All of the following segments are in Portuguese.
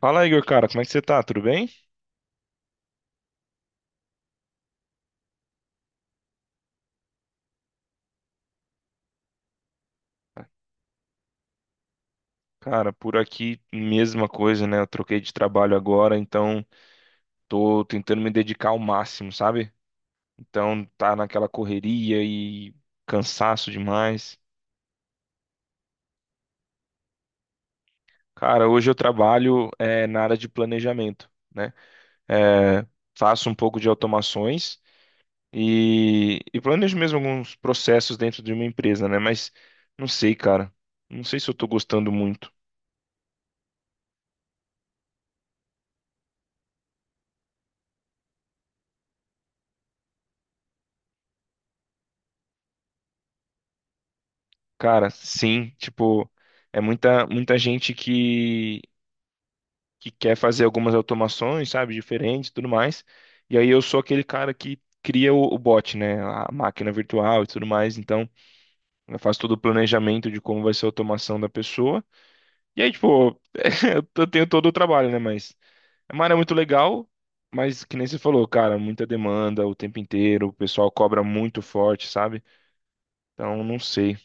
Fala, Igor, cara, como é que você tá? Tudo bem? Cara, por aqui, mesma coisa, né? Eu troquei de trabalho agora, então tô tentando me dedicar ao máximo, sabe? Então tá naquela correria e cansaço demais. Cara, hoje eu trabalho na área de planejamento, né? É, Faço um pouco de automações e planejo mesmo alguns processos dentro de uma empresa, né? Mas não sei, cara. Não sei se eu tô gostando muito. Cara, sim, tipo, é muita gente que quer fazer algumas automações, sabe, diferentes e tudo mais. E aí eu sou aquele cara que cria o bot, né, a máquina virtual e tudo mais. Então, eu faço todo o planejamento de como vai ser a automação da pessoa. E aí, tipo, eu tenho todo o trabalho, né, mas é uma área muito legal, mas que nem você falou, cara, muita demanda o tempo inteiro, o pessoal cobra muito forte, sabe? Então, não sei.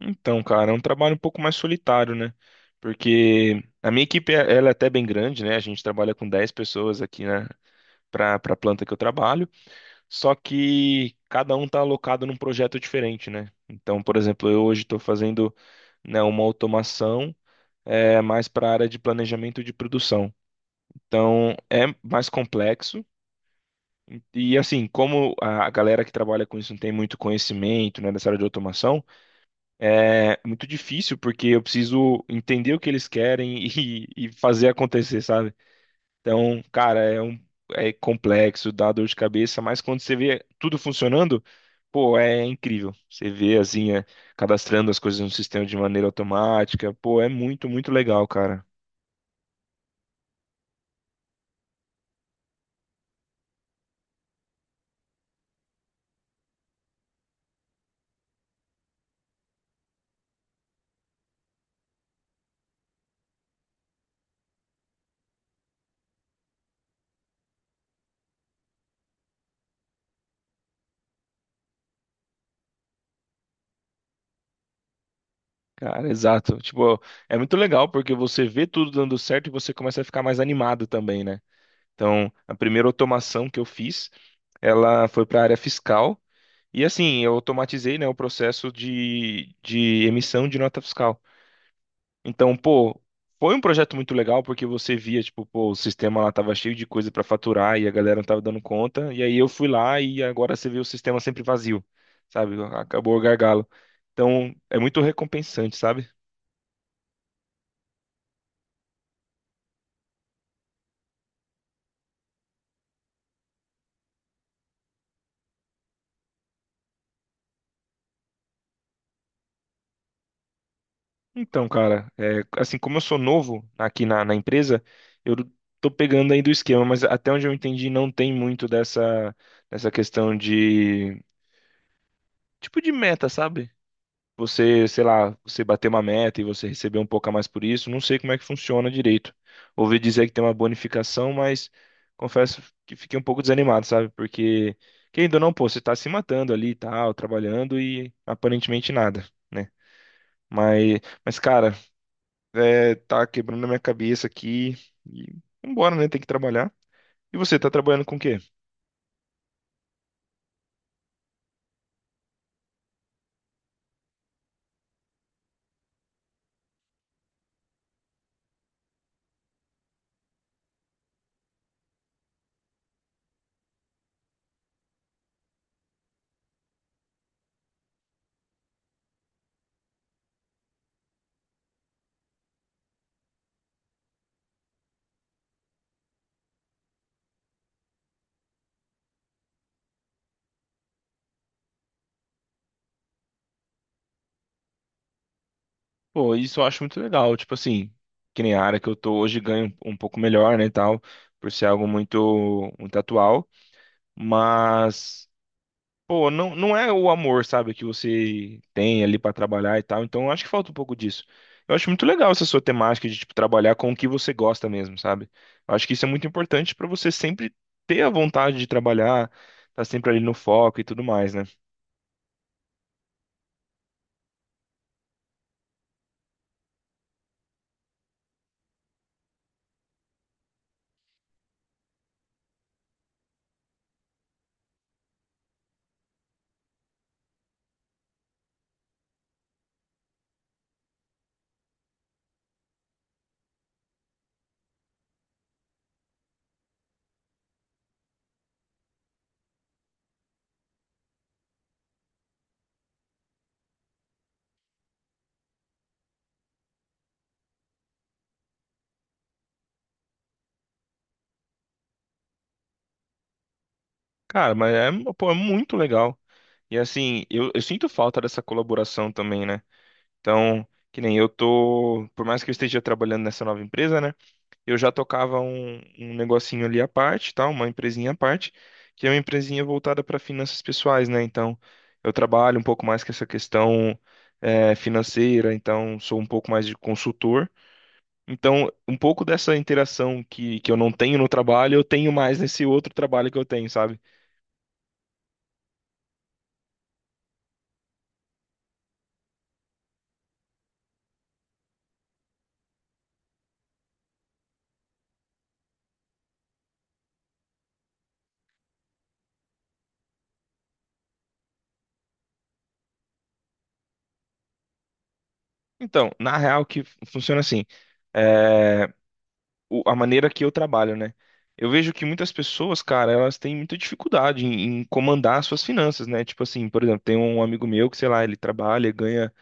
Então, cara, é um trabalho um pouco mais solitário, né? Porque a minha equipe, ela é até bem grande, né? A gente trabalha com dez pessoas aqui, né? Para a planta que eu trabalho. Só que cada um está alocado num projeto diferente, né? Então, por exemplo, eu hoje estou fazendo, né, uma automação mais para a área de planejamento de produção. Então, é mais complexo. E assim, como a galera que trabalha com isso não tem muito conhecimento, né, dessa área de automação, é muito difícil porque eu preciso entender o que eles querem e fazer acontecer, sabe? Então, cara, é complexo, dá dor de cabeça, mas quando você vê tudo funcionando, pô, é incrível. Você vê assim, cadastrando as coisas no sistema de maneira automática, pô, é muito, muito legal, cara. Cara, exato. Tipo, é muito legal porque você vê tudo dando certo e você começa a ficar mais animado também, né? Então, a primeira automação que eu fiz, ela foi para a área fiscal. E assim, eu automatizei, né, o processo de emissão de nota fiscal. Então, pô, foi um projeto muito legal porque você via, tipo, pô, o sistema lá tava cheio de coisa para faturar e a galera não tava dando conta. E aí eu fui lá e agora você vê o sistema sempre vazio, sabe? Acabou o gargalo. Então, é muito recompensante, sabe? Então, cara, é, assim, como eu sou novo aqui na empresa, eu tô pegando aí do esquema, mas até onde eu entendi, não tem muito dessa, dessa questão de tipo de meta, sabe? Você, sei lá, você bater uma meta e você receber um pouco a mais por isso. Não sei como é que funciona direito. Ouvi dizer que tem uma bonificação, mas confesso que fiquei um pouco desanimado, sabe? Porque, querendo ou não, pô, você tá se matando ali e tal, trabalhando e aparentemente nada, né? Mas, mas cara, tá quebrando a minha cabeça aqui e vambora, né? Tem que trabalhar. E você, tá trabalhando com o quê? Pô, isso eu acho muito legal. Tipo assim, que nem a área que eu tô hoje ganho um pouco melhor, né, e tal, por ser algo muito, muito atual. Mas, pô, não é o amor, sabe, que você tem ali pra trabalhar e tal. Então, eu acho que falta um pouco disso. Eu acho muito legal essa sua temática de, tipo, trabalhar com o que você gosta mesmo, sabe? Eu acho que isso é muito importante pra você sempre ter a vontade de trabalhar, tá sempre ali no foco e tudo mais, né? Cara, mas é, pô, é muito legal. E assim, eu sinto falta dessa colaboração também, né? Então, que nem eu tô, por mais que eu esteja trabalhando nessa nova empresa, né? Eu já tocava um negocinho ali à parte, tá? Uma empresinha à parte, que é uma empresinha voltada para finanças pessoais, né? Então, eu trabalho um pouco mais com essa questão financeira, então sou um pouco mais de consultor. Então, um pouco dessa interação que eu não tenho no trabalho, eu tenho mais nesse outro trabalho que eu tenho, sabe? Então, na real, que funciona assim. eh, a maneira que eu trabalho, né? Eu vejo que muitas pessoas, cara, elas têm muita dificuldade em comandar as suas finanças, né? Tipo assim, por exemplo, tem um amigo meu que, sei lá, ele trabalha, ganha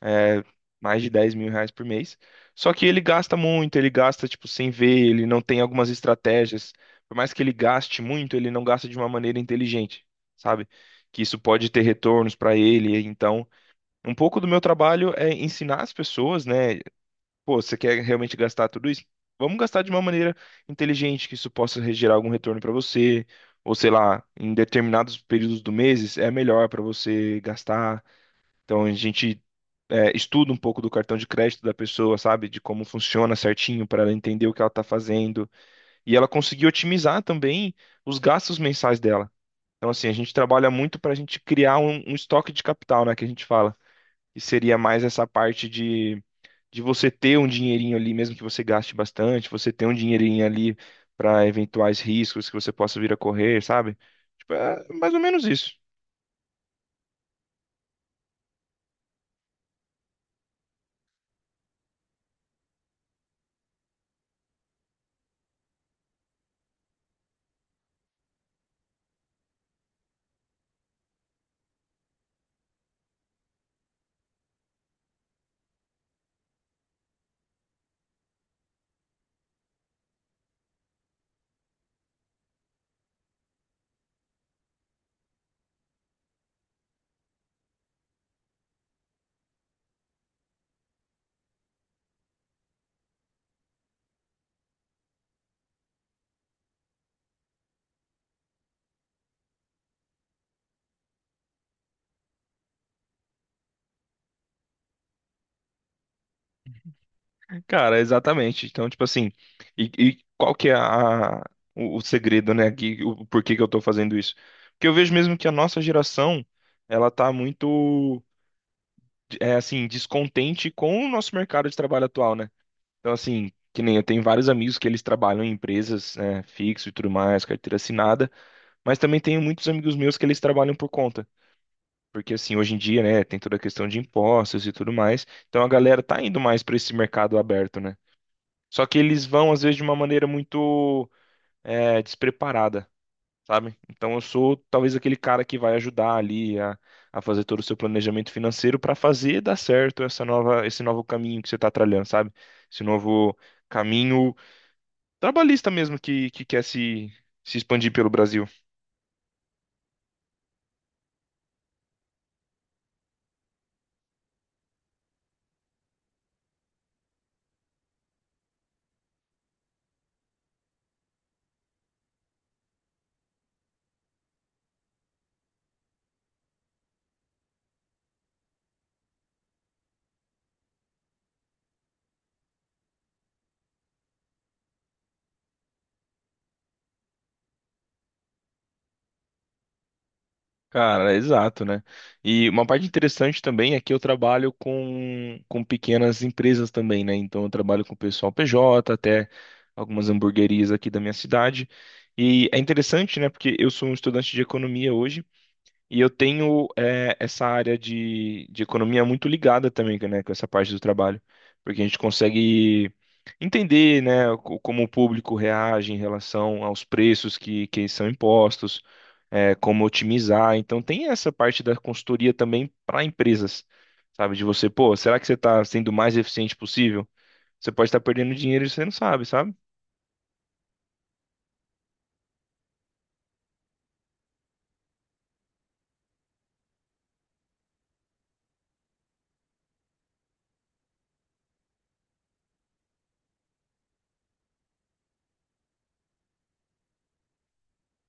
é, mais de R$ 10.000 por mês. Só que ele gasta muito, ele gasta, tipo, sem ver, ele não tem algumas estratégias. Por mais que ele gaste muito, ele não gasta de uma maneira inteligente, sabe? Que isso pode ter retornos para ele. Então, um pouco do meu trabalho é ensinar as pessoas, né? Pô, você quer realmente gastar tudo isso? Vamos gastar de uma maneira inteligente, que isso possa gerar algum retorno para você, ou sei lá, em determinados períodos do mês é melhor para você gastar. Então a gente estuda um pouco do cartão de crédito da pessoa, sabe, de como funciona certinho para ela entender o que ela está fazendo e ela conseguir otimizar também os gastos mensais dela. Então assim, a gente trabalha muito para a gente criar um estoque de capital, né, que a gente fala, e seria mais essa parte de você ter um dinheirinho ali, mesmo que você gaste bastante, você ter um dinheirinho ali para eventuais riscos que você possa vir a correr, sabe? Tipo, é mais ou menos isso. Cara, exatamente. Então, tipo assim, e qual que é o segredo, né, que o porquê que eu tô fazendo isso? Porque eu vejo mesmo que a nossa geração, ela tá muito, é assim, descontente com o nosso mercado de trabalho atual, né? Então, assim, que nem eu tenho vários amigos que eles trabalham em empresas, né, fixo e tudo mais, carteira assinada, mas também tenho muitos amigos meus que eles trabalham por conta. Porque, assim, hoje em dia, né, tem toda a questão de impostos e tudo mais. Então a galera tá indo mais para esse mercado aberto, né? Só que eles vão, às vezes, de uma maneira muito despreparada, sabe? Então eu sou talvez aquele cara que vai ajudar ali a fazer todo o seu planejamento financeiro para fazer dar certo essa nova, esse novo caminho que você tá trilhando, sabe? Esse novo caminho trabalhista mesmo que quer se expandir pelo Brasil. Cara, exato, né? E uma parte interessante também é que eu trabalho com pequenas empresas também, né? Então eu trabalho com o pessoal PJ, até algumas hamburguerias aqui da minha cidade. E é interessante, né? Porque eu sou um estudante de economia hoje e eu tenho essa área de economia muito ligada também, né? Com essa parte do trabalho. Porque a gente consegue entender, né? Como o público reage em relação aos preços que são impostos como otimizar. Então tem essa parte da consultoria também para empresas, sabe? De você, pô, será que você está sendo o mais eficiente possível? Você pode estar perdendo dinheiro e você não sabe, sabe?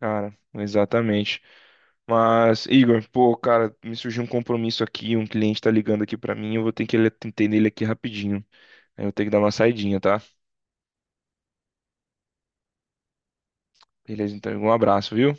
Cara, exatamente. Mas, Igor, pô, cara, me surgiu um compromisso aqui, um cliente tá ligando aqui pra mim, eu vou ter que atender ele aqui rapidinho. Aí eu vou ter que dar uma saidinha, tá? Beleza, então, um abraço, viu?